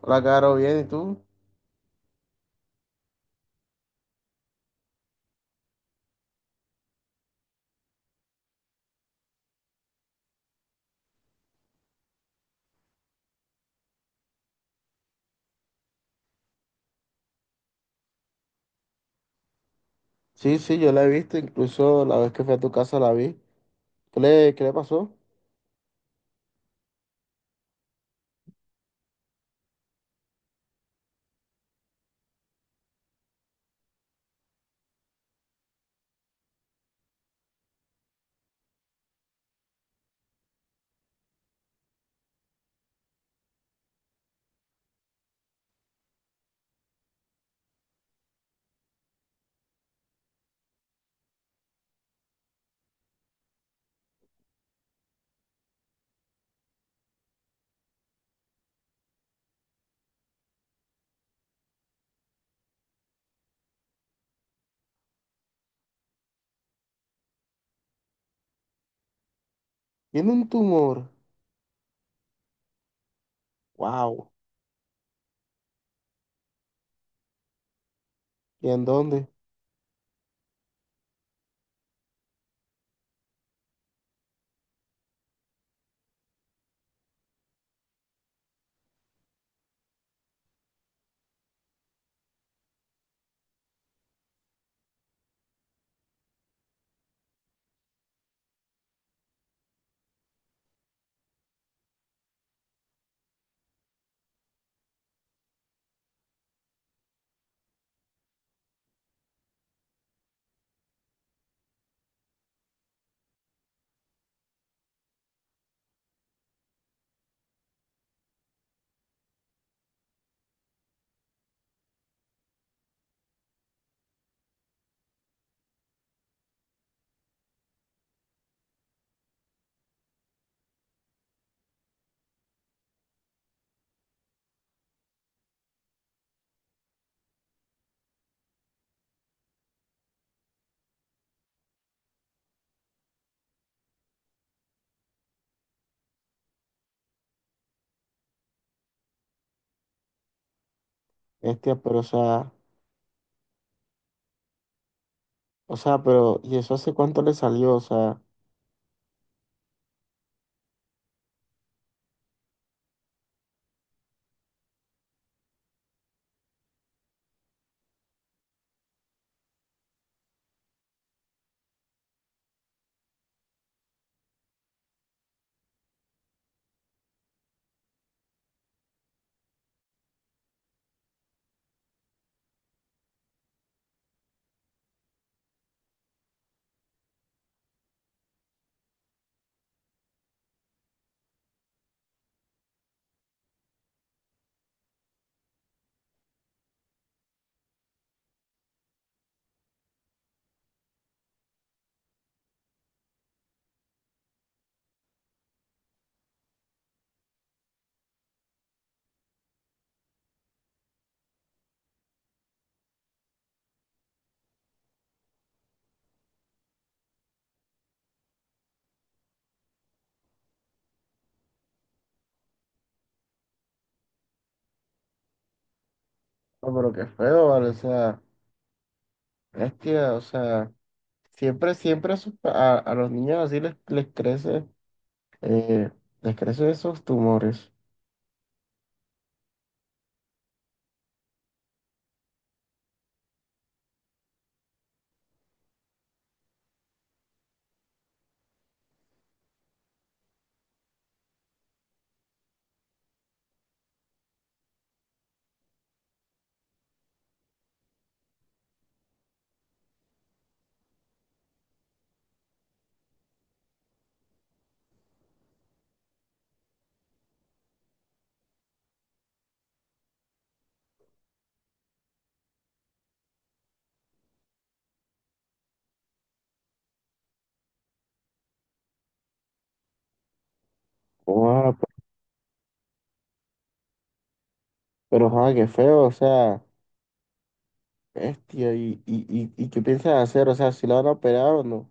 Hola, Caro, bien, ¿y tú? Sí, sí, yo la he visto, incluso la vez que fui a tu casa la vi. ¿Qué le pasó? Tiene un tumor. Wow. ¿Y en dónde? Este, pero, o sea, pero, ¿y eso hace cuánto le salió? O sea, no, pero qué feo, ¿vale? O sea, bestia, o sea, siempre, siempre a, sus pa- a los niños así eh, les crecen esos tumores. Wow, pero, joder, qué feo, o sea, bestia, ¿y qué piensas hacer? O sea, ¿si la van a operar o no?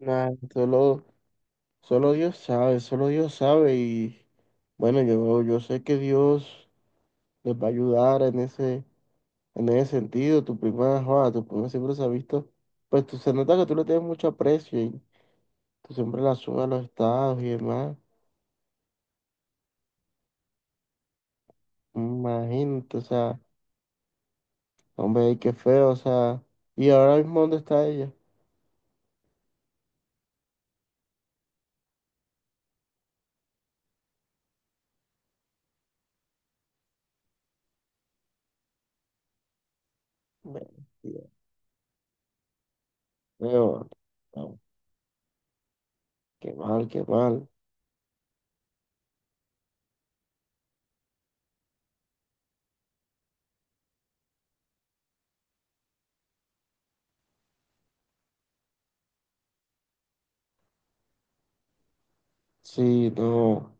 Nah, solo Dios sabe y bueno, yo sé que Dios les va a ayudar en ese sentido. Tu prima, joda, tu prima siempre se ha visto, pues tú, se nota que tú le tienes mucho aprecio y tú siempre la subes a los estados y demás. Imagínate, o sea, hombre, qué feo, o sea, y ahora mismo ¿dónde está ella? Bueno, Dios mío, no, qué mal, qué mal. Sí, no,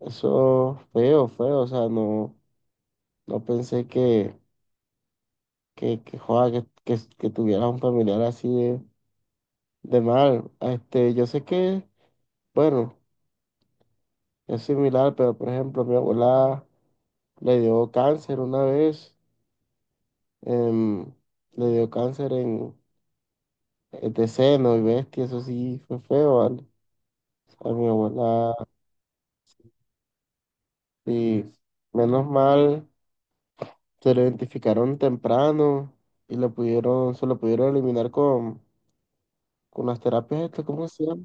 eso feo, feo, o sea, no. No pensé que, joda, que tuvieras un familiar así de mal. Este, yo sé que, bueno, es similar, pero por ejemplo, mi abuela le dio cáncer una vez, em, le dio cáncer de seno y bestia, eso sí fue feo, ¿vale? A mi abuela, y menos mal, se lo identificaron temprano y se lo pudieron eliminar con las terapias estas, ¿cómo se llama?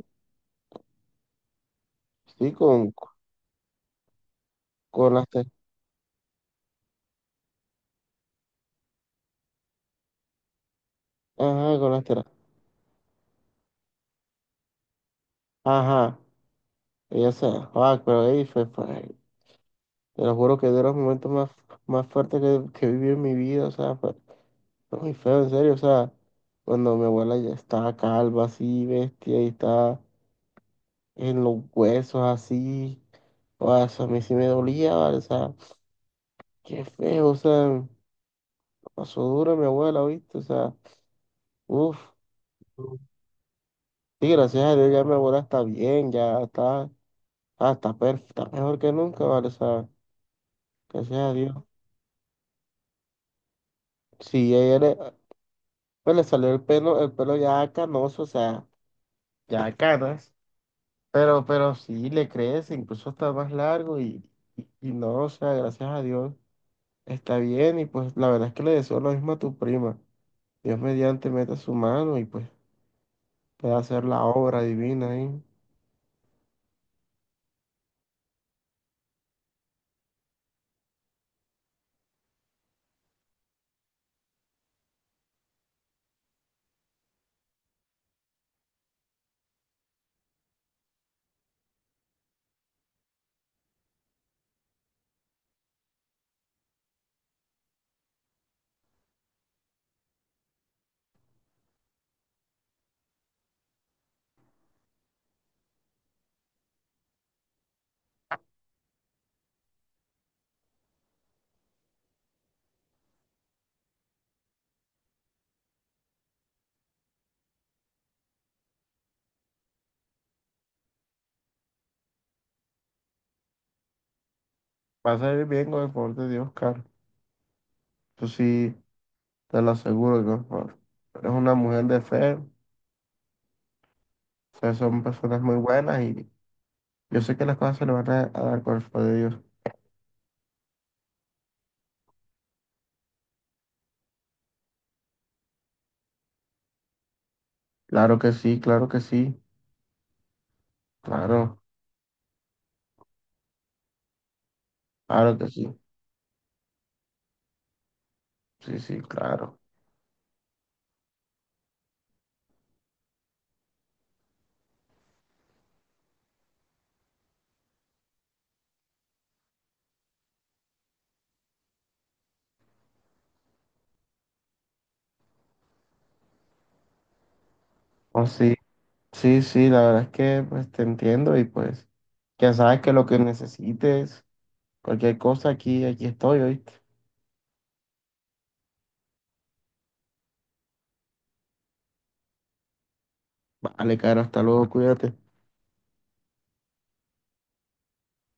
Sí, con las terapias. Ajá, con las telas. Ajá, pero te lo juro que de los momentos más fuertes que viví en mi vida, o sea, fue muy feo, en serio, o sea, cuando mi abuela ya estaba calva, así, bestia, y estaba en los huesos, así, o sea, a mí sí me dolía, ¿vale? O sea, qué feo, o sea, pasó duro mi abuela, ¿viste? O sea, uff, sí, gracias a Dios ya mi abuela está bien, ya está. Está mejor que nunca, ¿vale? O sea, gracias a Dios. Sí, pues le salió el pelo, ya canoso, o sea, ya canas, pero sí le crece, incluso está más largo y no, o sea, gracias a Dios está bien y pues la verdad es que le deseo lo mismo a tu prima. Dios mediante meta su mano y pues pueda hacer la obra divina ahí. Va a salir bien con el favor de Dios, Carlos. Eso sí, te lo aseguro, eres una mujer de fe, o sea, son personas muy buenas y yo sé que las cosas se le van a dar con el favor de Dios. Claro que sí, claro que sí, claro, claro que sí, sí, sí, claro. Oh, sí, sí, sí, la verdad es que pues te entiendo y pues ya sabes que lo que necesites, cualquier cosa aquí, aquí estoy, ¿oíste? Vale, Caro, hasta luego, cuídate.